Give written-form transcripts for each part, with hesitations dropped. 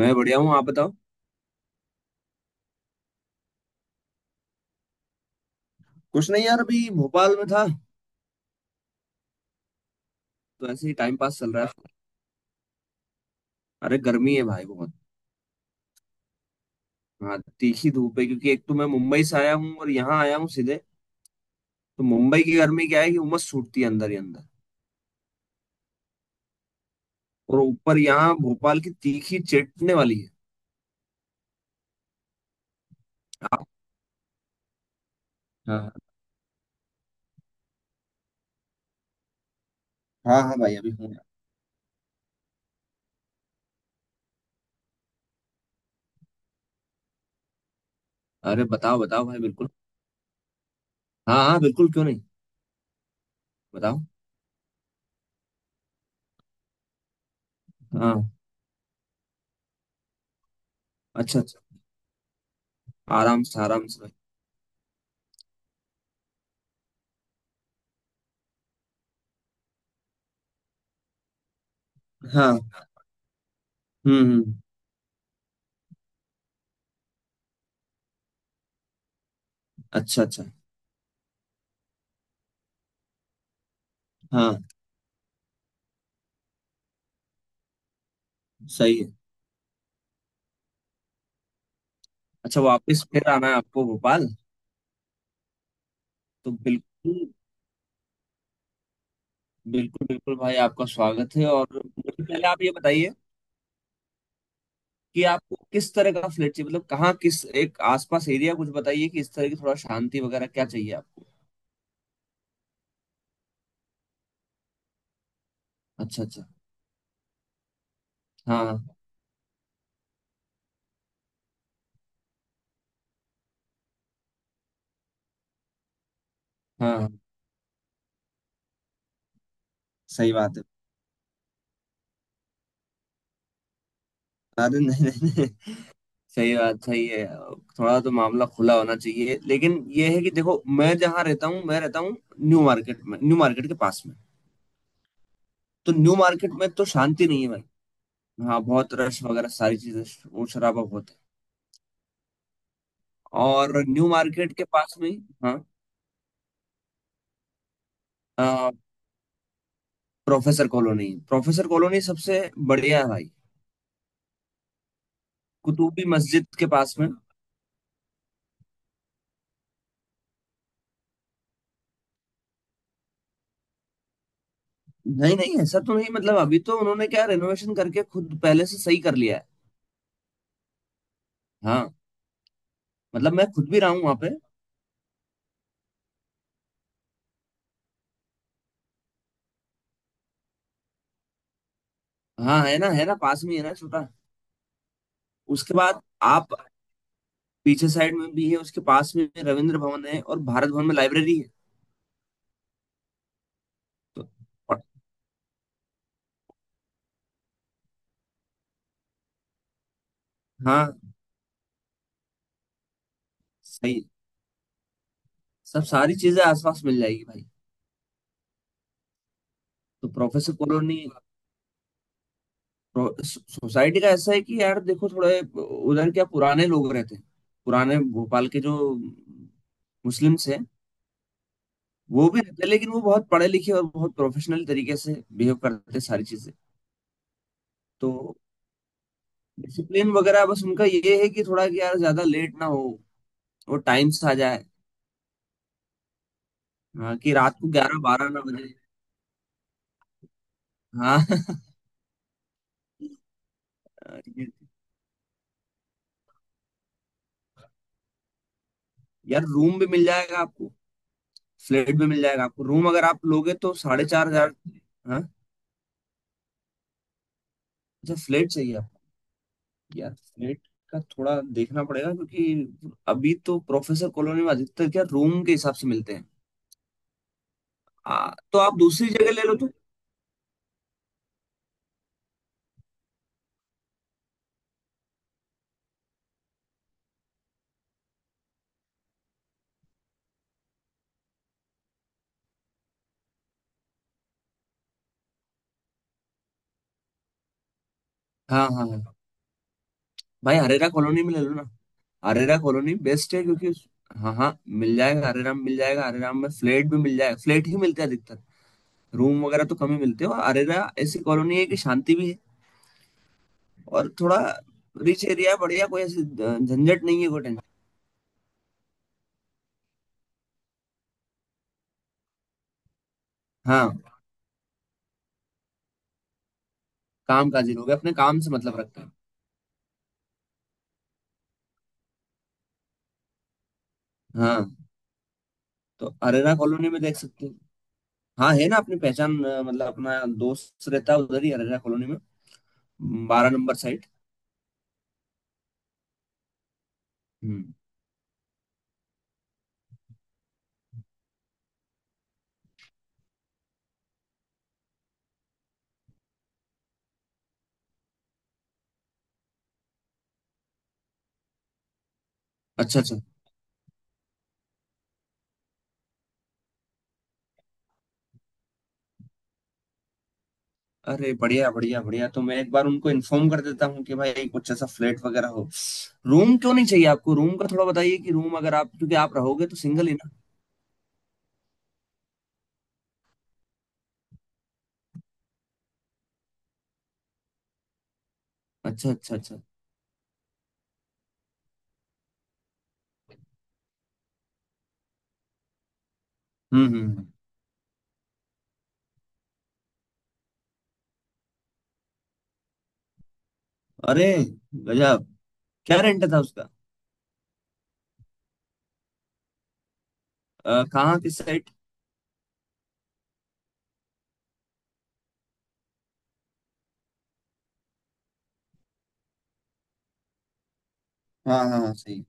मैं बढ़िया हूँ। आप बताओ। कुछ नहीं यार, अभी भोपाल में था, तो ऐसे ही टाइम पास चल रहा है। अरे गर्मी है भाई बहुत। हाँ, तीखी धूप है, क्योंकि एक तो मैं मुंबई से आया हूँ और यहाँ आया हूँ सीधे। तो मुंबई की गर्मी क्या है कि उमस छूटती है अंदर ही अंदर। और ऊपर यहाँ भोपाल की तीखी चटने वाली है। आप- हाँ। हाँ हाँ हाँ भाई, अभी हूँ। अरे बताओ बताओ भाई, बिल्कुल। हाँ हाँ, बिल्कुल, क्यों नहीं। बताओ। हाँ। अच्छा अच्छा। आराम से, आराम से भाई। हाँ। हम्म। अच्छा अच्छा। हाँ। सही है। अच्छा, वापस फिर आना है आपको भोपाल। तो बिल्कुल। बिल्कुल बिल्कुल भाई, आपका स्वागत है। और मुझे पहले आप ये बताइए कि आपको किस तरह का फ्लैट चाहिए, मतलब कहाँ, किस एक आसपास एरिया कुछ बताइए, कि इस तरह की थोड़ा शांति वगैरह क्या चाहिए आपको। अच्छा अच्छा। हाँ हाँ, सही बात है। अरे नहीं नहीं नहीं। सही बात, सही है। थोड़ा तो मामला खुला होना चाहिए, लेकिन ये है कि देखो मैं जहाँ रहता हूँ, मैं रहता हूँ न्यू मार्केट में, न्यू मार्केट के पास में। तो न्यू मार्केट में तो शांति नहीं है भाई। हाँ, बहुत रश वगैरह सारी चीजें। वो शराबा बहुत है। और न्यू मार्केट के पास में हाँ। अ, प्रोफेसर कॉलोनी, प्रोफेसर कॉलोनी सबसे बढ़िया है भाई। कुतुबी मस्जिद के पास में। नहीं नहीं, ऐसा तो नहीं, मतलब अभी तो उन्होंने क्या, रेनोवेशन करके खुद पहले से सही कर लिया है। हाँ, मतलब मैं खुद भी रहा हूँ वहां पे। हाँ, है ना, है ना, पास में ही है ना छोटा। उसके बाद आप पीछे साइड में भी है, उसके पास में रविंद्र भवन है और भारत भवन में लाइब्रेरी है। तो और- हाँ, सही। सब सारी चीजें आसपास मिल जाएगी भाई। तो प्रोफेसर कॉलोनी सोसाइटी का ऐसा है कि यार देखो, थोड़े उधर क्या पुराने लोग रहते हैं। पुराने भोपाल के जो मुस्लिम्स हैं, वो भी रहते हैं, लेकिन वो बहुत पढ़े लिखे और बहुत प्रोफेशनल तरीके से बिहेव करते हैं सारी चीजें। तो डिसिप्लिन वगैरह, बस उनका ये है कि थोड़ा कि यार ज्यादा लेट ना हो, वो टाइम से आ जाए। हाँ, कि रात को 11-12 ना बजे। हाँ ये- यार रूम भी मिल जाएगा आपको, फ्लैट भी मिल जाएगा आपको। रूम अगर आप लोगे तो 4,500। हाँ। अच्छा, फ्लैट चाहिए। यार नेट का थोड़ा देखना पड़ेगा, क्योंकि अभी तो प्रोफेसर कॉलोनी में अधिकतर क्या, रूम के हिसाब से मिलते हैं। तो आप दूसरी जगह ले लो तो। हाँ हाँ हाँ भाई, हरेरा कॉलोनी में ले लो ना। हरेरा कॉलोनी बेस्ट है, क्योंकि हाँ हाँ, मिल जाएगा, हरेरा में मिल जाएगा, हरेरा में फ्लैट भी मिल जाएगा, फ्लैट ही मिलते हैं अधिकतर। रूम वगैरह तो कम ही मिलते हैं। और हरेरा ऐसी कॉलोनी है कि शांति भी है, और थोड़ा रिच एरिया है, बढ़िया, कोई ऐसी झंझट नहीं है, कोई टेंशन। हाँ, काम काजी लोग हैं, अपने काम से मतलब रखते हैं। हाँ। तो अरेरा कॉलोनी में देख सकते हैं। हाँ है ना, अपनी पहचान, मतलब अपना दोस्त रहता है उधर ही, अरेरा कॉलोनी में 12 नंबर साइट। हम्म। अच्छा अच्छा। अरे बढ़िया बढ़िया बढ़िया, तो मैं एक बार उनको इन्फॉर्म कर देता हूँ कि भाई कुछ ऐसा फ्लैट वगैरह हो। रूम क्यों नहीं चाहिए आपको? रूम का थोड़ा बताइए कि रूम अगर आप, क्योंकि आप रहोगे तो सिंगल ही ना। अच्छा अच्छा अच्छा। हम्म हम्म हम्म। अरे गजब। क्या रेंट था उसका? कहाँ, किस साइड? हाँ हाँ हाँ, सही।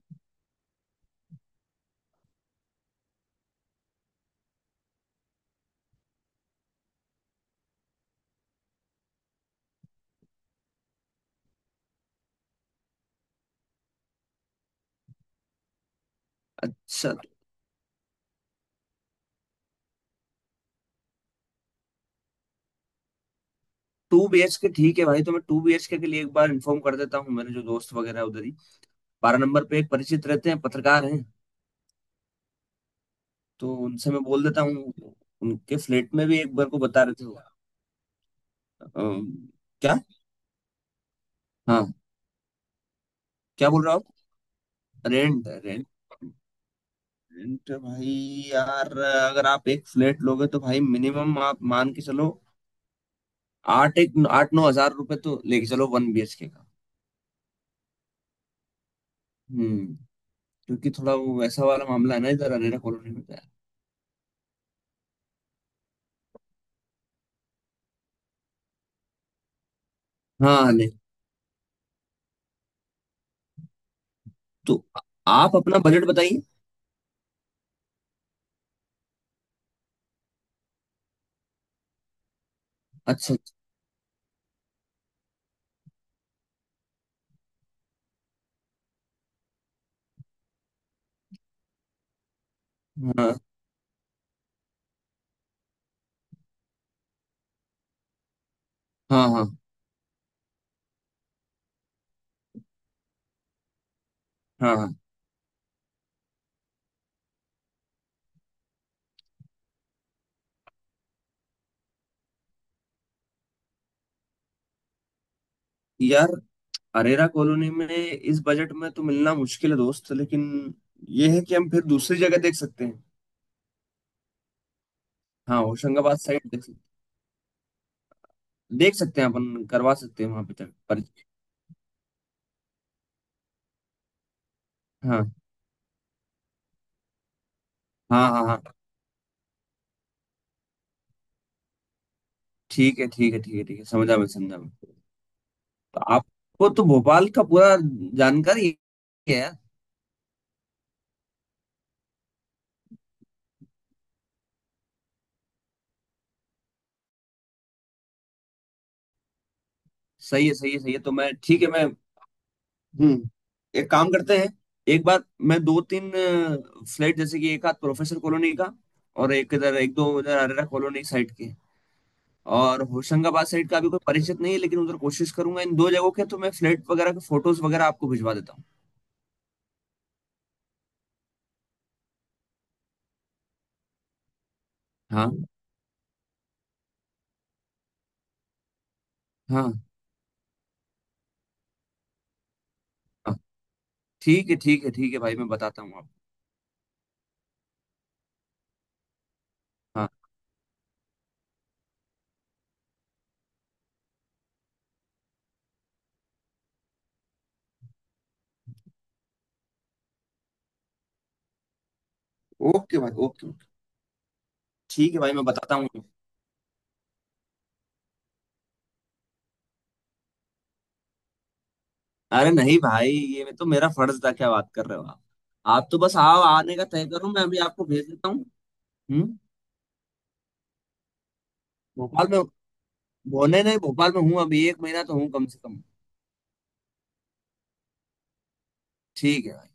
अच्छा। 2 BHK ठीक है भाई, तो मैं 2 BHK लिए एक बार इन्फॉर्म कर देता हूँ। मेरे जो दोस्त वगैरह है उधर ही, 12 नंबर पे एक परिचित रहते हैं, पत्रकार हैं। तो उनसे मैं बोल देता हूँ। उनके फ्लैट में भी एक बार को बता रहे थे। अम, क्या? हाँ। क्या बोल रहे हो आप? रेंट, रेंट, रेंट भाई, यार अगर आप एक फ्लैट लोगे तो भाई मिनिमम आप मान के चलो, आठ एक 8-9 हज़ार रुपए तो लेके चलो 1 BHK का। हम्म। क्योंकि थोड़ा वो वैसा वाला मामला है ना इधर अरेरा कॉलोनी में तो यार। हाँ नहीं, तो आप अपना बजट बताइए। अच्छा अच्छा, हाँ हाँ हाँ हाँ हाँ यार, अरेरा कॉलोनी में इस बजट में तो मिलना मुश्किल है दोस्त, लेकिन ये है कि हम फिर दूसरी जगह देख सकते हैं। हाँ, होशंगाबाद साइड देख सकते हैं, अपन करवा सकते हैं वहां पे तक पर। हाँ हाँ हाँ हाँ, ठीक है ठीक है ठीक है ठीक है, समझा मैं, समझा मैं। तो आपको तो भोपाल का पूरा जानकारी है यार। सही है सही है सही है। तो मैं ठीक है मैं, हम्म, एक काम करते हैं। एक बार मैं दो तीन फ्लैट, जैसे कि एक आध प्रोफेसर कॉलोनी का, और एक इधर, एक दो इधर अरेरा कॉलोनी साइड के, और होशंगाबाद साइड का अभी कोई परिचित नहीं है लेकिन उधर कोशिश करूंगा। इन दो जगहों के तो मैं फ्लैट वगैरह के फोटोज वगैरह आपको भिजवा देता हूँ। हाँ हाँ हाँ ठीक है ठीक है ठीक है भाई, मैं बताता हूँ आपको। हाँ। ओके भाई ओके ओके, ठीक है भाई मैं बताता हूँ आपको। अरे नहीं भाई, ये मैं तो, मेरा फर्ज था, क्या बात कर रहे हो आप? आप तो बस आओ, आने का तय करो, मैं अभी आपको भेज देता हूँ। हम्म। भोपाल में होने नहीं, भोपाल में हूँ अभी, एक महीना तो हूँ कम से कम। ठीक है भाई।